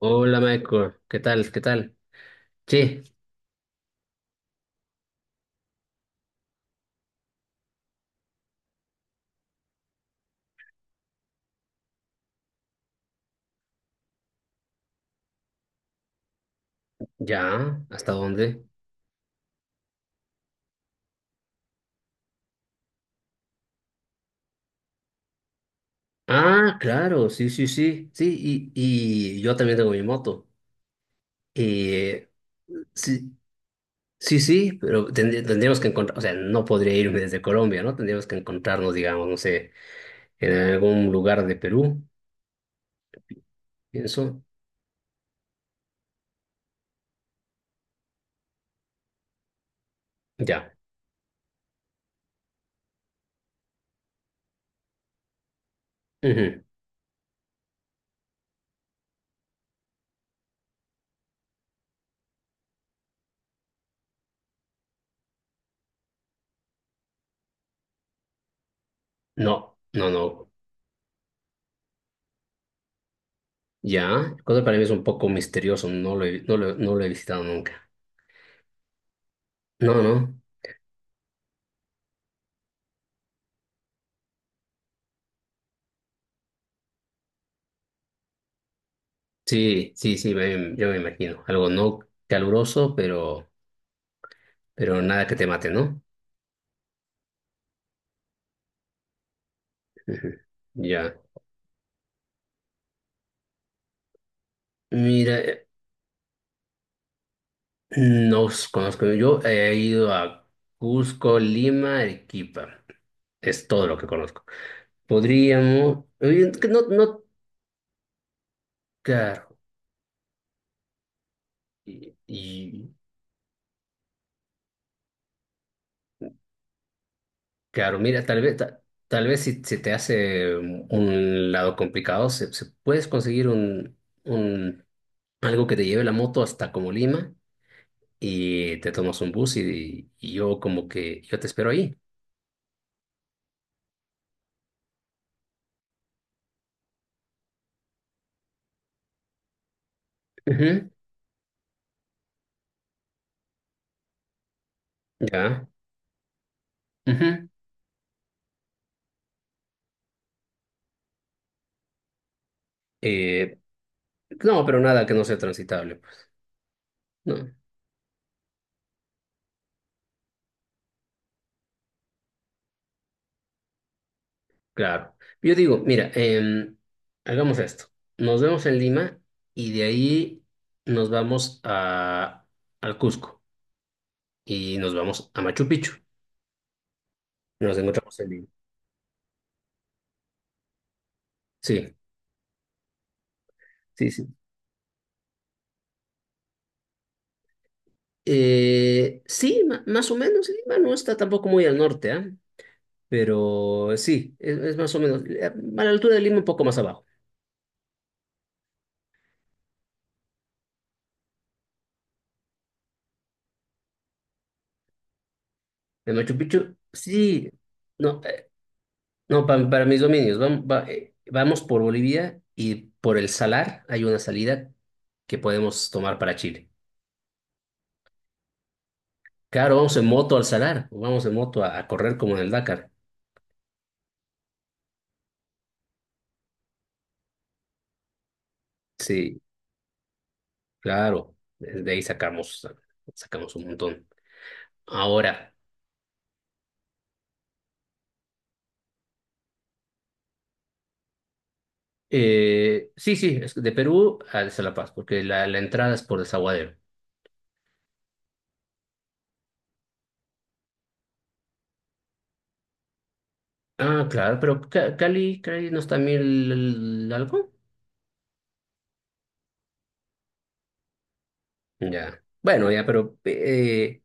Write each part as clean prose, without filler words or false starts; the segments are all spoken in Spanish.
Hola Michael, ¿qué tal? ¿Qué tal? Che, ¿ya? ¿Hasta dónde? Ah, claro, sí, sí, sí, sí, y yo también tengo mi moto. Eh, sí, sí, sí, pero tendríamos que encontrar, o sea, no podría irme desde Colombia, ¿no? Tendríamos que encontrarnos, digamos, no sé, en algún lugar de Perú, pienso. Ya. Ujú. No, no, no. Ya. Cosa para mí es un poco misterioso, no lo he visitado nunca. No, no. Sí, sí, sí, yo me imagino. Algo no caluroso, pero nada que te mate, ¿no? Ujú. Ya. Mira, no os conozco. Yo he ido a Cusco, Lima, Arequipa. Es todo lo que conozco. Podríamos. Que No, no, claro. Y, claro, mira, tal vez si se te hace un lado complicado, puedes conseguir un algo que te lleve la moto hasta como Lima y te tomas un bus y yo como que yo te espero ahí. Ujú. Ya. Ujú. Eh, no, pero nada que no sea transitable, pues. No, claro. Yo digo, mira, hagamos esto. Nos vemos en Lima y de ahí nos vamos al Cusco y nos vamos a Machu Picchu. Nos encontramos en Lima. Sí, sí, sí. Sí, más o menos, sí, Lima no está tampoco muy al norte, ¿ah? Pero sí, es más o menos a la altura de Lima, un poco más abajo. En Machu Picchu, sí, no, para mis dominios. Vamos, vamos por Bolivia y por el Salar hay una salida que podemos tomar para Chile. Claro, vamos en moto al Salar, vamos en moto a correr como en el Dakar. Sí, claro, de ahí sacamos un montón. Ahora, sí, sí, es de Perú a La Paz, porque la entrada es por Desaguadero. Ah, claro, pero Cali no está mil algo. Ya. Bueno, ya, pero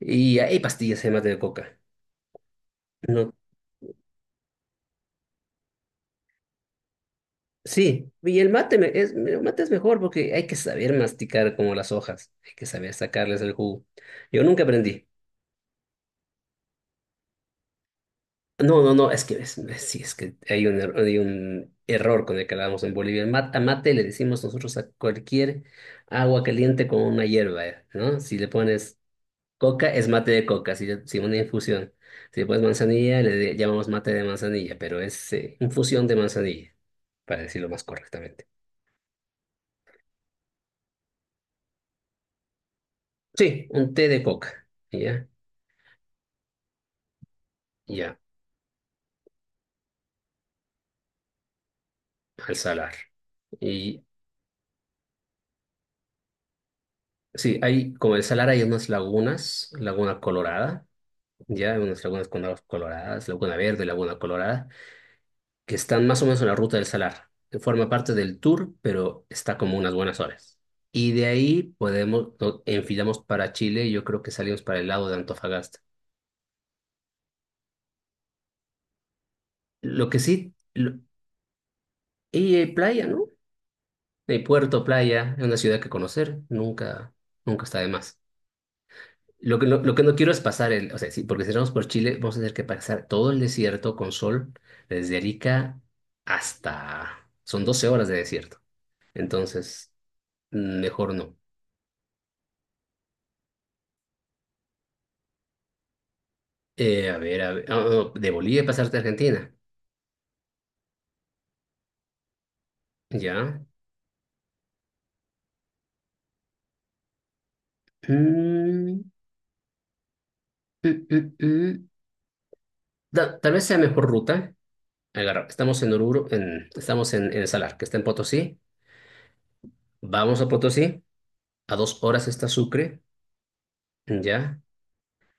y hay pastillas de mate de coca. No. Sí, y el mate es el mate es mejor porque hay que saber masticar como las hojas, hay que saber sacarles el jugo. Yo nunca aprendí. No, no, no, es que sí, es que hay un error con el que hablamos en Bolivia. El mate, a mate le decimos nosotros a cualquier agua caliente con una hierba, ¿no? Si le pones Coca es mate de coca, si una infusión. Si pues manzanilla, le llamamos mate de manzanilla, pero es infusión de manzanilla, para decirlo más correctamente. Sí, un té de coca, ¿ya? Ya, al Salar. Y sí, hay, como el Salar hay unas lagunas, Laguna Colorada, ya, hay unas lagunas con aguas coloradas, Laguna Verde, Laguna Colorada, que están más o menos en la ruta del Salar, que forma parte del tour, pero está como unas buenas horas. Y de ahí podemos, no- enfilamos para Chile, y yo creo que salimos para el lado de Antofagasta. Lo que sí, y hay playa, ¿no? Hay puerto, playa, es una ciudad que conocer, nunca, nunca está de más. Lo que no quiero es pasar el, o sea, sí, porque si vamos por Chile, vamos a tener que pasar todo el desierto con sol, desde Arica hasta, son 12 horas de desierto. Entonces, mejor no. A ver, a ver, ah, no, de Bolivia pasarte a Argentina. Ya. Mm, mm, mm, mm. Tal vez sea mejor ruta. Estamos en Oruro, estamos en Salar, que está en Potosí. Vamos a Potosí. A 2 horas está Sucre. Ya.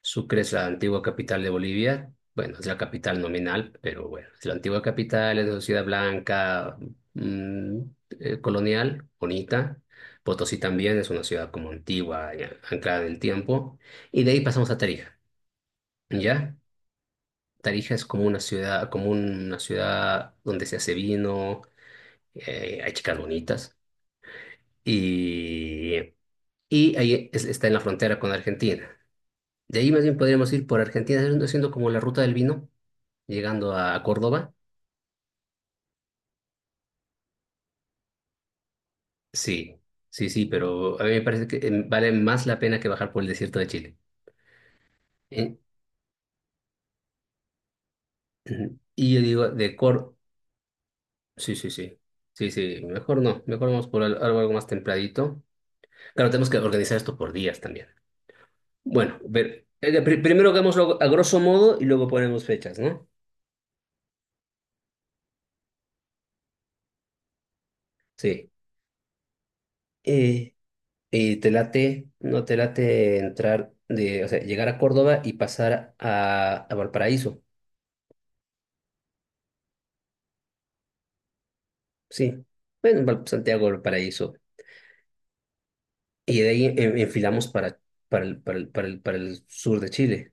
Sucre es la antigua capital de Bolivia. Bueno, es la capital nominal, pero bueno, es la antigua capital, es una ciudad blanca, mm, colonial, bonita. Potosí también es una ciudad como antigua, ya, anclada en el tiempo. Y de ahí pasamos a Tarija, ¿ya? Tarija es como una ciudad donde se hace vino, hay chicas bonitas. Y, y ahí está en la frontera con Argentina. De ahí más bien podríamos ir por Argentina, haciendo como la ruta del vino. Llegando a Córdoba, sí, sí, sí, pero a mí me parece que vale más la pena que bajar por el desierto de Chile. Eh, ujú. Y yo digo, de Córdoba, sí, sí, sí, sí, sí, mejor no, mejor vamos por algo, más templadito. Claro, tenemos que organizar esto por días también. Bueno, primero hagámoslo a grosso modo y luego ponemos fechas, ¿no? Sí. Eh, y te late, no te late entrar o sea, llegar a Córdoba y pasar a Valparaíso, sí. Bueno, Santiago Valparaíso. Y de ahí enfilamos para el sur de Chile.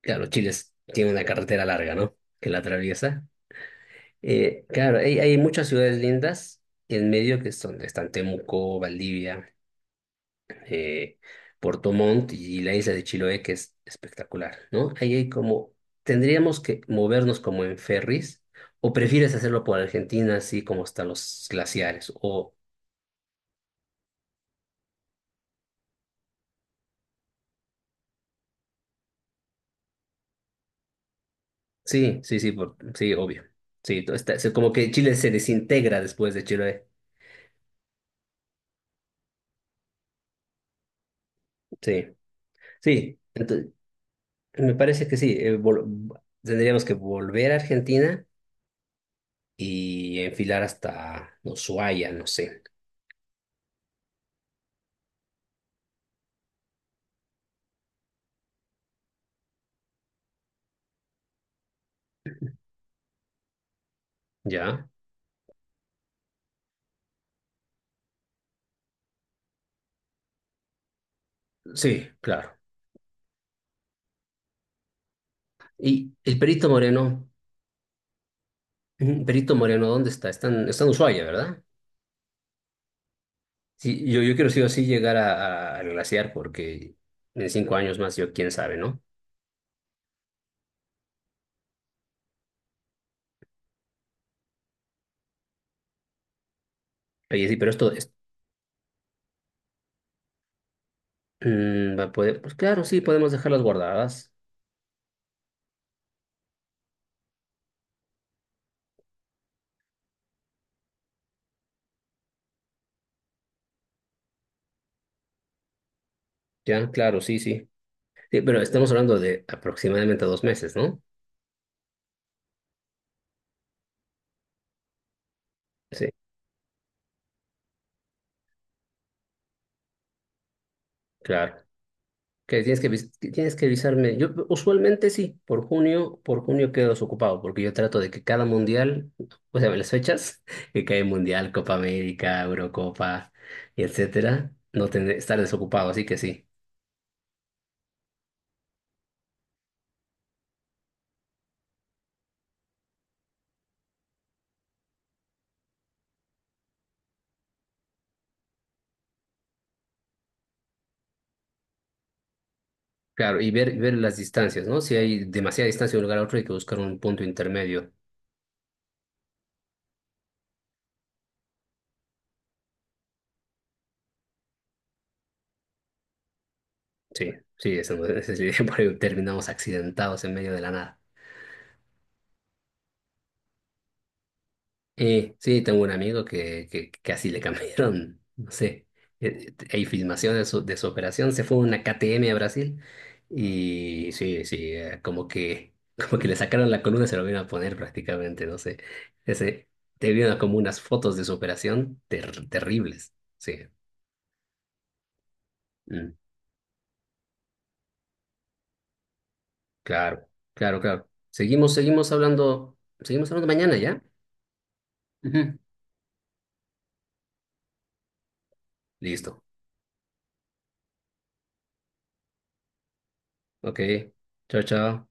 Claro, Chile tiene una carretera larga, ¿no? Que la atraviesa. Claro, hay muchas ciudades lindas en medio que están Temuco, Valdivia, eh, Puerto Montt y la isla de Chiloé, que es espectacular, ¿no? Ahí hay como, tendríamos que movernos como en ferries, o prefieres hacerlo por Argentina, así como hasta los glaciares, o. Sí, sí, sí, sí, obvio. Sí, todo está, como que Chile se desintegra después de Chile. Sí, sí. Entonces, me parece que sí. Tendríamos que volver a Argentina y enfilar hasta Ushuaia, no sé. ¿Ya? Sí, claro. Y el Perito Moreno, ujú, Perito Moreno, ¿dónde está? Está en Ushuaia, ¿verdad? Sí, yo quiero sí o sí llegar a, al glaciar porque en 5 años más yo, quién sabe, ¿no? Oye, sí, pero esto. Pues claro, sí, podemos dejarlas guardadas. Ya, claro, sí, sí. Sí, pero estamos hablando de aproximadamente 2 meses, ¿no? Sí, claro. Que tienes que avisarme. Yo usualmente sí, por junio quedo desocupado, porque yo trato de que cada mundial, o sea, las fechas, que cae Mundial, Copa América, Eurocopa, y etcétera, no tener, estar desocupado, así que sí. Claro, y ver las distancias, ¿no? Si hay demasiada distancia de un lugar a otro, hay que buscar un punto intermedio. Sí, sí, eso, ese sí, por ahí terminamos accidentados en medio de la nada. Sí, tengo un amigo que, así le cambiaron, no sé, hay filmaciones de su operación, se fue a una KTM a Brasil y sí, sí, como que, como que le sacaron la columna y se lo vieron a poner prácticamente, no sé. Ese, te vieron como unas fotos de su operación terribles. Sí, mm, claro, claro, claro. Seguimos hablando mañana, ¿ya? Ujú. Listo. Ok, chao, chao.